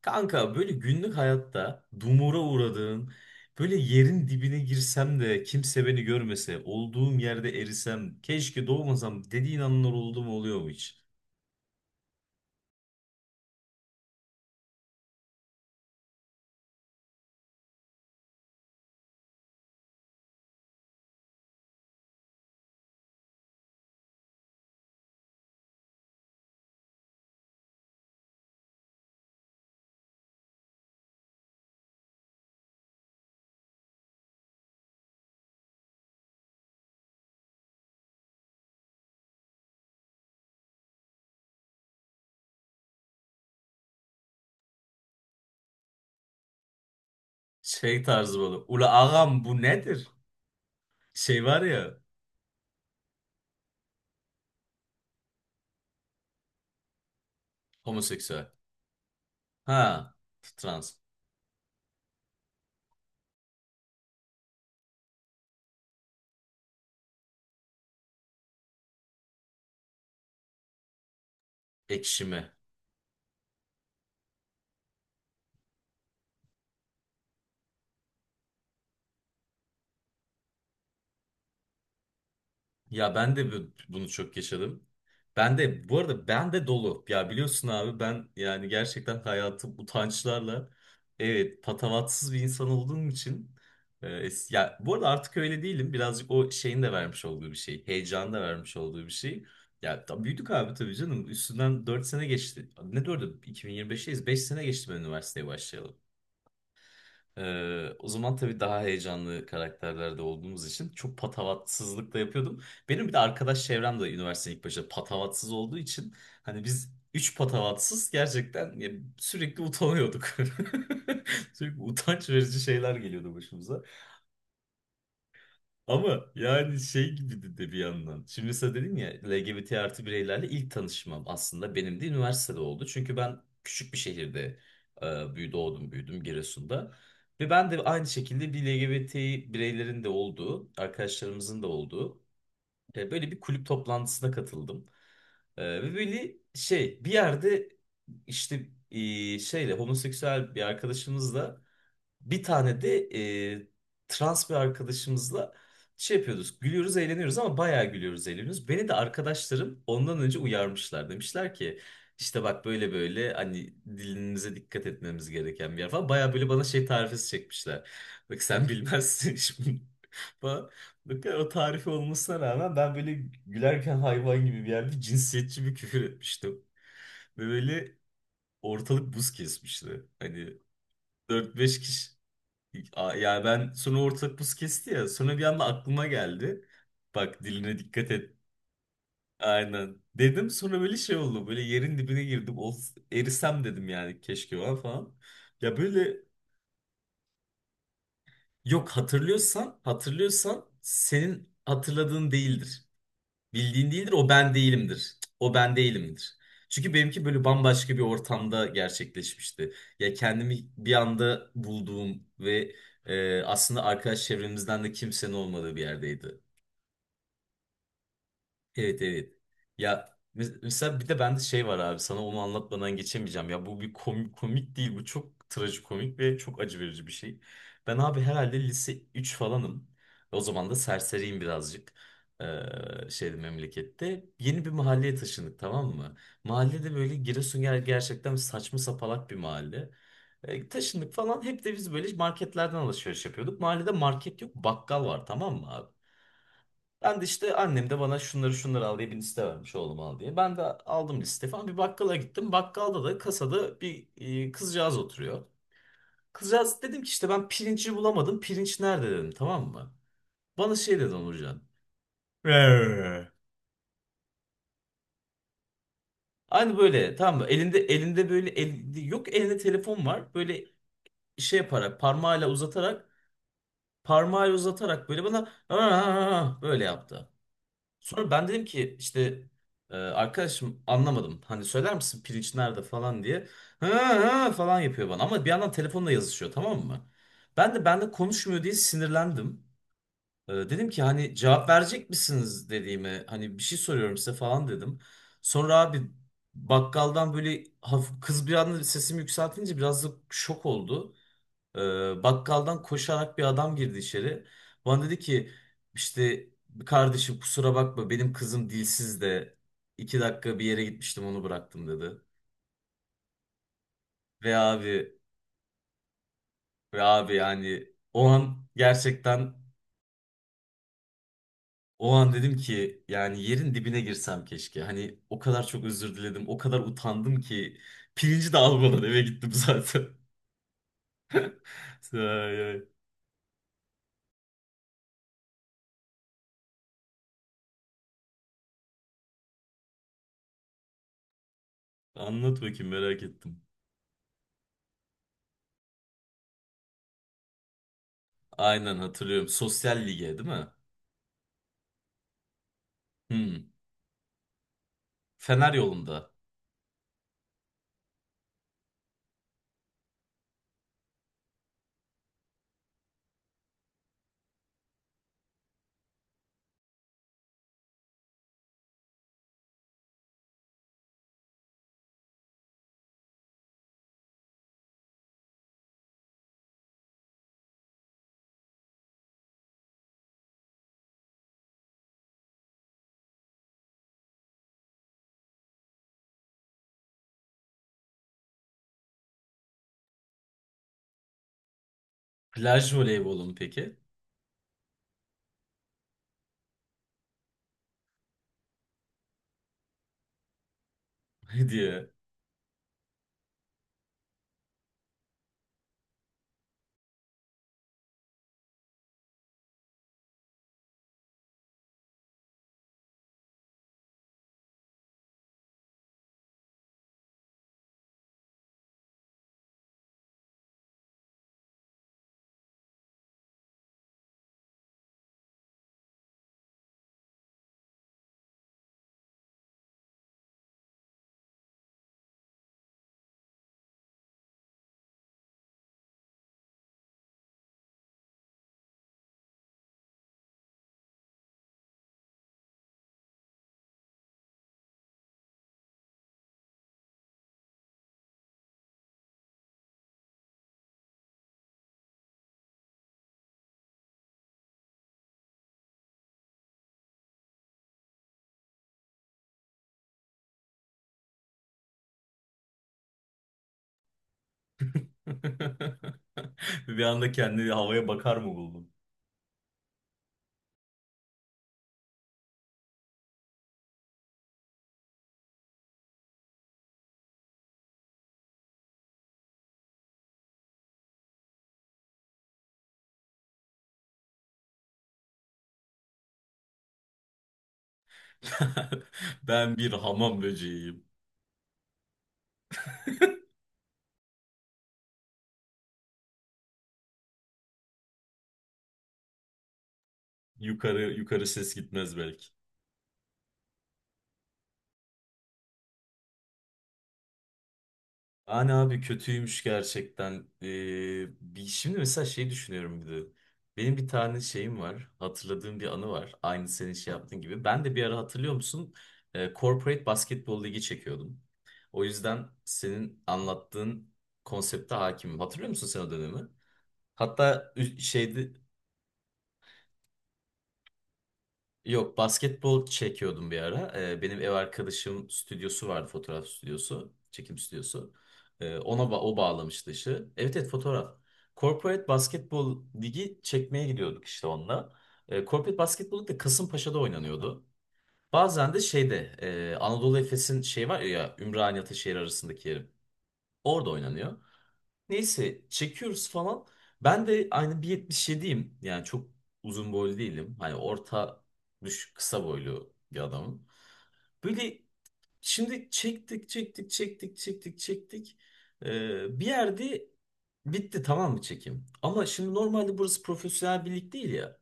Kanka böyle günlük hayatta dumura uğradığın, böyle yerin dibine girsem de kimse beni görmese, olduğum yerde erisem, keşke doğmasam dediğin anlar oldu mu oluyor mu hiç? Şey tarzı böyle, ula ağam bu nedir? Şey var ya, homoseksüel. Ha, trans, ekşime. Ya ben de bunu çok yaşadım. Ben de bu arada ben de dolu. Ya biliyorsun abi ben yani gerçekten hayatım utançlarla evet, patavatsız bir insan olduğum için ya, bu arada artık öyle değilim. Birazcık o şeyin de vermiş olduğu bir şey. Heyecanın da vermiş olduğu bir şey. Ya büyüdük abi tabii canım. Üstünden 4 sene geçti. Ne 4'ü? 2025'teyiz. 5 sene geçti ben üniversiteye başlayalım. O zaman tabii daha heyecanlı karakterlerde olduğumuz için çok patavatsızlık da yapıyordum. Benim bir de arkadaş çevrem de üniversitenin ilk başta patavatsız olduğu için hani biz üç patavatsız gerçekten ya, sürekli utanıyorduk. Sürekli utanç verici şeyler geliyordu başımıza. Ama yani şey gibi de bir yandan. Şimdi mesela dedin ya LGBT artı bireylerle ilk tanışmam aslında benim de üniversitede oldu. Çünkü ben küçük bir şehirde e, büyü doğdum büyüdüm Giresun'da. Ve ben de aynı şekilde bir LGBT bireylerin de olduğu, arkadaşlarımızın da olduğu böyle bir kulüp toplantısına katıldım. Ve böyle şey bir yerde işte şeyle homoseksüel bir arkadaşımızla bir tane de e, trans bir arkadaşımızla şey yapıyoruz. Gülüyoruz, eğleniyoruz ama bayağı gülüyoruz, eğleniyoruz. Beni de arkadaşlarım ondan önce uyarmışlar. Demişler ki işte bak böyle böyle hani dilinize dikkat etmemiz gereken bir yer falan. Bayağı böyle bana şey tarifesi çekmişler. Bak sen bilmezsin şimdi. Falan. Bak, o tarifi olmasına rağmen ben böyle gülerken hayvan gibi bir yerde cinsiyetçi bir küfür etmiştim. Ve böyle ortalık buz kesmişti. Hani dört beş kişi ya ben sonra ortalık buz kesti ya. Sonra bir anda aklıma geldi. Bak, diline dikkat et. Aynen. Dedim, sonra böyle şey oldu. Böyle yerin dibine girdim. Erisem dedim yani, keşke var falan. Ya böyle yok, hatırlıyorsan senin hatırladığın değildir. Bildiğin değildir, o ben değilimdir. O ben değilimdir. Çünkü benimki böyle bambaşka bir ortamda gerçekleşmişti. Ya kendimi bir anda bulduğum ve aslında arkadaş çevremizden de kimsenin olmadığı bir yerdeydi. Evet, evet. Ya mesela bir de bende şey var abi, sana onu anlatmadan geçemeyeceğim. Ya bu bir komik, komik değil, bu çok trajikomik ve çok acı verici bir şey. Ben abi herhalde lise 3 falanım. O zaman da serseriyim birazcık. Şeyde, memlekette. Yeni bir mahalleye taşındık, tamam mı? Mahallede böyle Giresun gerçekten saçma sapalak bir mahalle. Taşındık falan, hep de biz böyle marketlerden alışveriş yapıyorduk. Mahallede market yok, bakkal var tamam mı abi? Ben de işte annem de bana şunları şunları al diye bir liste vermiş, oğlum al diye. Ben de aldım liste falan, bir bakkala gittim. Bakkalda da kasada bir kızcağız oturuyor. Kızcağız, dedim ki işte ben pirinci bulamadım. Pirinç nerede dedim, tamam mı? Bana şey dedi Onurcan. "Eee." Aynı böyle, tamam mı? Elinde böyle yok, elinde telefon var. Böyle şey yaparak, parmağıyla uzatarak böyle bana "Aa!" böyle yaptı. Sonra ben dedim ki işte arkadaşım anlamadım. Hani söyler misin pirinç nerede falan diye. Ha, ha falan yapıyor bana ama bir yandan telefonla yazışıyor, tamam mı? Ben de konuşmuyor diye sinirlendim. Dedim ki hani cevap verecek misiniz dediğime, hani bir şey soruyorum size falan dedim. Sonra abi bakkaldan böyle hafif, kız bir anda sesimi yükseltince biraz da şok oldu. Bakkaldan koşarak bir adam girdi içeri. Bana dedi ki işte kardeşim kusura bakma, benim kızım dilsiz de 2 dakika bir yere gitmiştim, onu bıraktım dedi. Ve abi ve abi yani o an dedim ki yani yerin dibine girsem keşke. Hani o kadar çok özür diledim, o kadar utandım ki pirinci de almadan eve gittim zaten. Ay, ay. Anlat bakayım, merak ettim. Aynen hatırlıyorum. Sosyal lige değil mi? Hmm. Fener yolunda. Plaj voleybolu mu peki? diye. Bir anda kendini havaya bakar mı buldum? Ben bir hamam böceğiyim. Yukarı yukarı ses gitmez belki. Hani abi kötüymüş gerçekten. Ee, şimdi mesela şey düşünüyorum bir de. Benim bir tane şeyim var. Hatırladığım bir anı var. Aynı senin şey yaptığın gibi. Ben de bir ara hatırlıyor musun? Corporate Basketbol Ligi çekiyordum. O yüzden senin anlattığın konsepte hakimim. Hatırlıyor musun sen o dönemi? Hatta şeydi, yok, basketbol çekiyordum bir ara. Benim ev arkadaşım stüdyosu vardı, fotoğraf stüdyosu, çekim stüdyosu. O bağlamıştı işi. Evet, evet, fotoğraf. Corporate Basketbol Ligi çekmeye gidiyorduk işte onunla. Corporate Basketbol Ligi de Kasımpaşa'da oynanıyordu. Bazen de şeyde Anadolu Efes'in şey var ya, Ümraniye Ataşehir arasındaki yerim. Orada oynanıyor. Neyse çekiyoruz falan. Ben de aynı 1.77'yim. Yani çok uzun boylu değilim. Hani orta düşük, kısa boylu bir adamım. Böyle şimdi çektik çektik çektik çektik çektik. Bir yerde bitti, tamam mı çekim? Ama şimdi normalde burası profesyonel bir lig değil ya.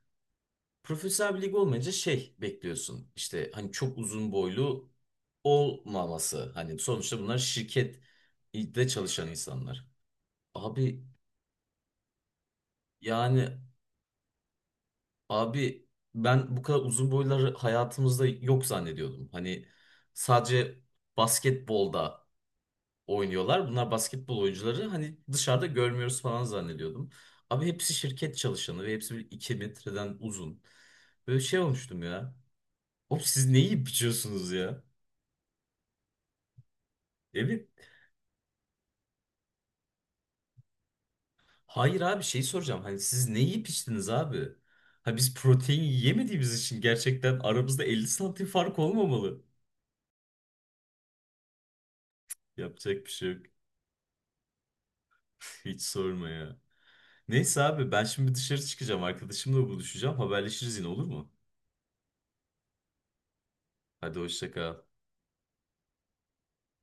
Profesyonel bir lig olmayınca şey bekliyorsun. İşte hani çok uzun boylu olmaması. Hani sonuçta bunlar şirkette çalışan insanlar. Abi Yani abi ben bu kadar uzun boyları hayatımızda yok zannediyordum. Hani sadece basketbolda oynuyorlar. Bunlar basketbol oyuncuları. Hani dışarıda görmüyoruz falan zannediyordum. Abi hepsi şirket çalışanı ve hepsi bir 2 metreden uzun. Böyle şey olmuştum ya. Oğlum siz ne yiyip içiyorsunuz ya? Evet. Hayır abi şey soracağım. Hani siz ne yiyip içtiniz abi? Ha biz protein yemediğimiz için gerçekten aramızda 50 santim fark olmamalı. Yapacak bir şey yok. Hiç sorma ya. Neyse abi ben şimdi dışarı çıkacağım. Arkadaşımla buluşacağım. Haberleşiriz yine, olur mu? Hadi hoşça kal.